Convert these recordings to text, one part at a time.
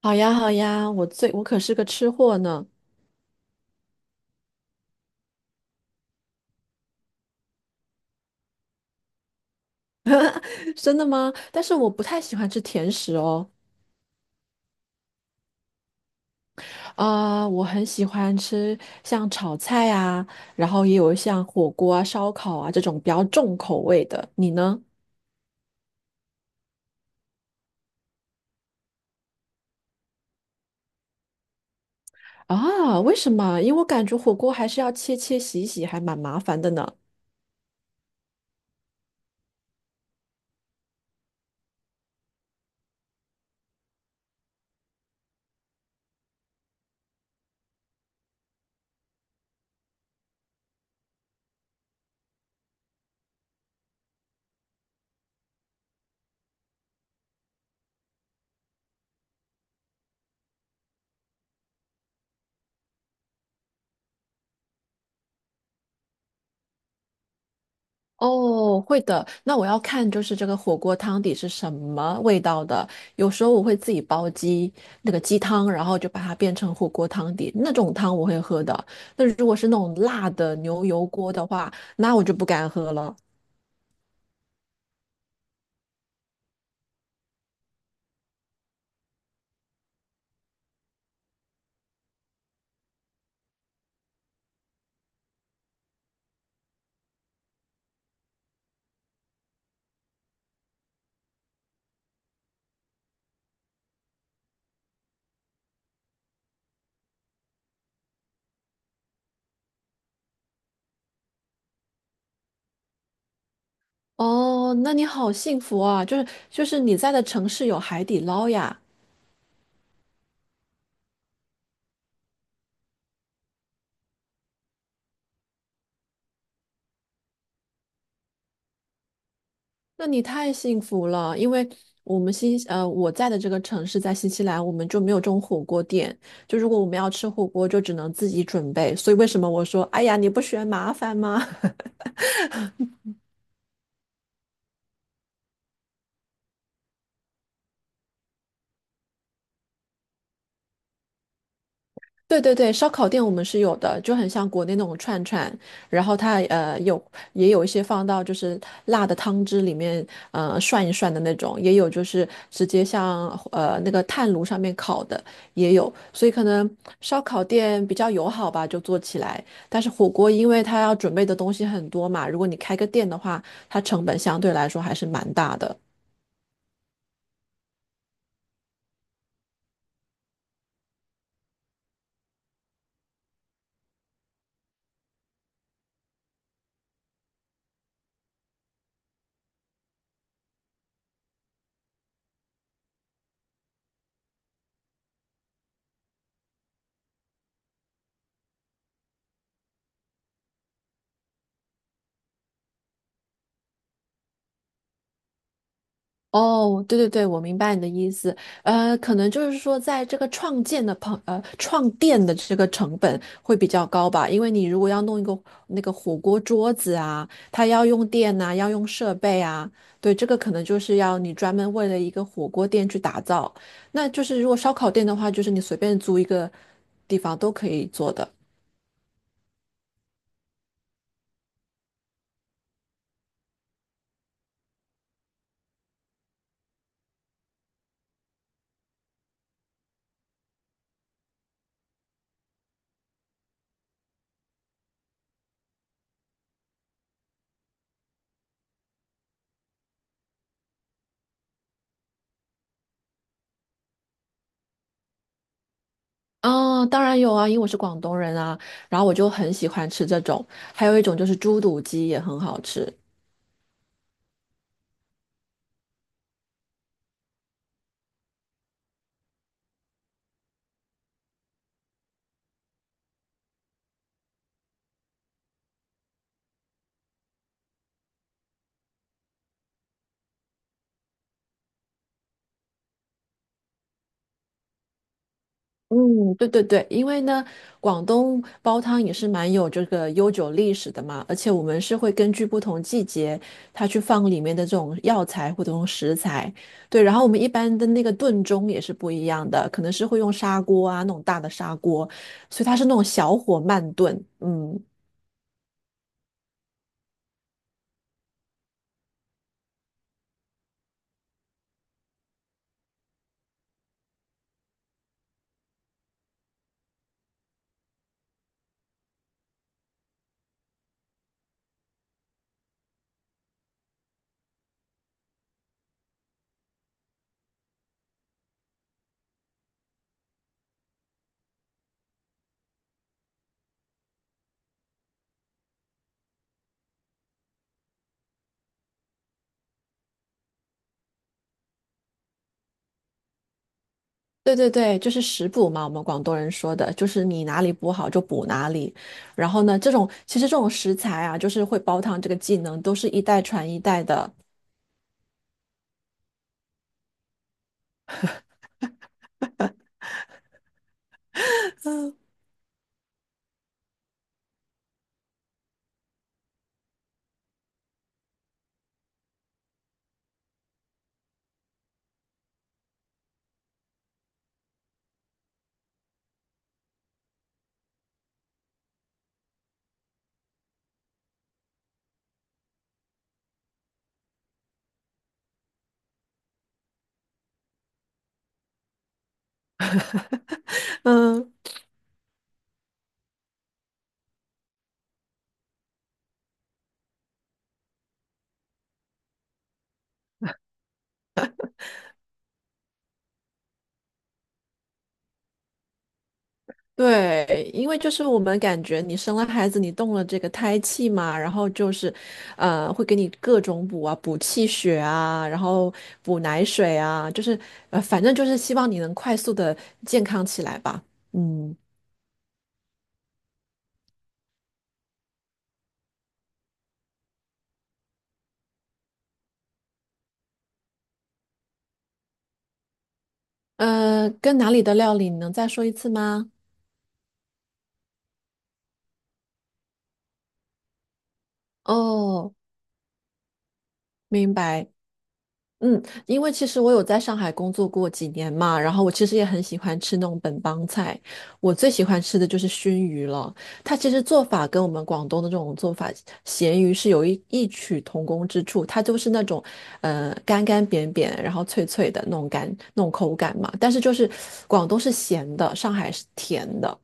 好呀，好呀，我可是个吃货呢。真的吗？但是我不太喜欢吃甜食哦。我很喜欢吃像炒菜啊，然后也有像火锅啊、烧烤啊这种比较重口味的。你呢？啊，为什么？因为我感觉火锅还是要切切洗洗，还蛮麻烦的呢。哦，会的。那我要看就是这个火锅汤底是什么味道的。有时候我会自己煲鸡，那个鸡汤，然后就把它变成火锅汤底，那种汤我会喝的。那如果是那种辣的牛油锅的话，那我就不敢喝了。哦，那你好幸福啊！就是你在的城市有海底捞呀。那你太幸福了，因为我们新呃我在的这个城市在新西兰，我们就没有这种火锅店。就如果我们要吃火锅，就只能自己准备。所以为什么我说，哎呀，你不嫌麻烦吗？对对对，烧烤店我们是有的，就很像国内那种串串，然后它有也有一些放到就是辣的汤汁里面涮一涮的那种，也有就是直接像那个炭炉上面烤的也有，所以可能烧烤店比较友好吧，就做起来。但是火锅因为它要准备的东西很多嘛，如果你开个店的话，它成本相对来说还是蛮大的。哦，对对对，我明白你的意思。可能就是说，在这个创店的这个成本会比较高吧，因为你如果要弄一个那个火锅桌子啊，它要用电呐、要用设备啊。对，这个可能就是要你专门为了一个火锅店去打造。那就是如果烧烤店的话，就是你随便租一个地方都可以做的。嗯，当然有啊，因为我是广东人啊，然后我就很喜欢吃这种，还有一种就是猪肚鸡也很好吃。嗯，对对对，因为呢，广东煲汤也是蛮有这个悠久历史的嘛，而且我们是会根据不同季节，它去放里面的这种药材或者用食材。对，然后我们一般的那个炖盅也是不一样的，可能是会用砂锅啊，那种大的砂锅，所以它是那种小火慢炖。嗯，对对对，就是食补嘛，我们广东人说的，就是你哪里补好就补哪里。然后呢，这种其实这种食材啊，就是会煲汤这个技能，都是一代传一代的。嗯，对，因为就是我们感觉你生了孩子，你动了这个胎气嘛，然后就是，会给你各种补啊、补气血啊，然后补奶水啊，就是反正就是希望你能快速的健康起来吧。嗯。跟哪里的料理，你能再说一次吗？哦，明白。嗯，因为其实我有在上海工作过几年嘛，然后我其实也很喜欢吃那种本帮菜，我最喜欢吃的就是熏鱼了。它其实做法跟我们广东的这种做法咸鱼是有异曲同工之处，它就是那种干干扁扁，然后脆脆的那种口感嘛。但是就是广东是咸的，上海是甜的。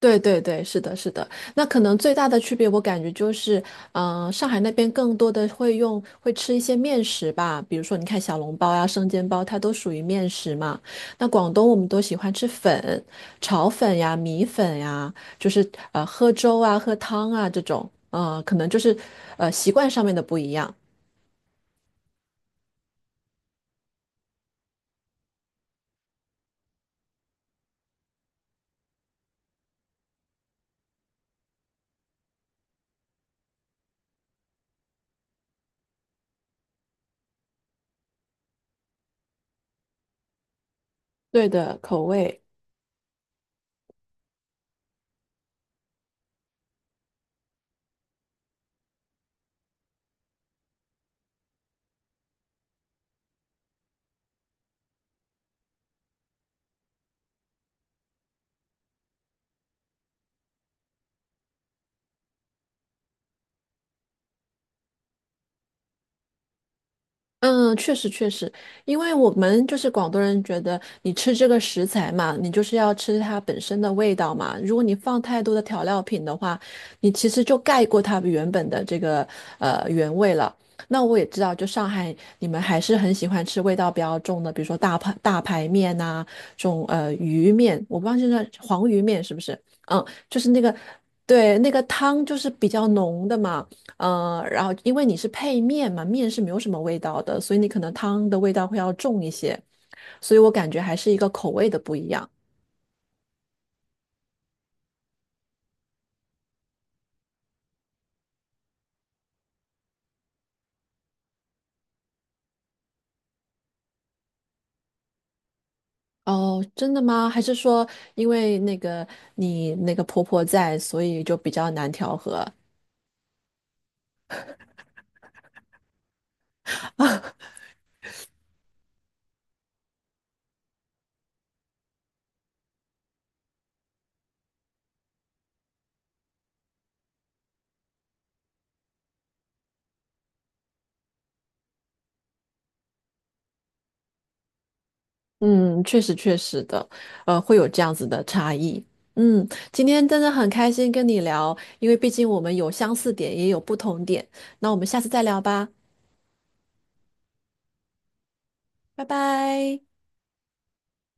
对对对，是的，是的。那可能最大的区别，我感觉就是，嗯、上海那边更多的会吃一些面食吧，比如说你看小笼包呀、生煎包，它都属于面食嘛。那广东我们都喜欢吃粉、炒粉呀、米粉呀，就是喝粥啊、喝汤啊这种。嗯、可能就是习惯上面的不一样。对的，口味。嗯，确实确实，因为我们就是广东人，觉得你吃这个食材嘛，你就是要吃它本身的味道嘛。如果你放太多的调料品的话，你其实就盖过它原本的这个原味了。那我也知道，就上海你们还是很喜欢吃味道比较重的，比如说大排面呐、这种鱼面，我不知道现在黄鱼面是不是？嗯，就是那个对那个汤就是比较浓的嘛。嗯，然后因为你是配面嘛，面是没有什么味道的，所以你可能汤的味道会要重一些，所以我感觉还是一个口味的不一样。哦，真的吗？还是说因为那个你那个婆婆在，所以就比较难调和？嗯，确实确实的，会有这样子的差异。嗯，今天真的很开心跟你聊，因为毕竟我们有相似点，也有不同点。那我们下次再聊吧，拜拜。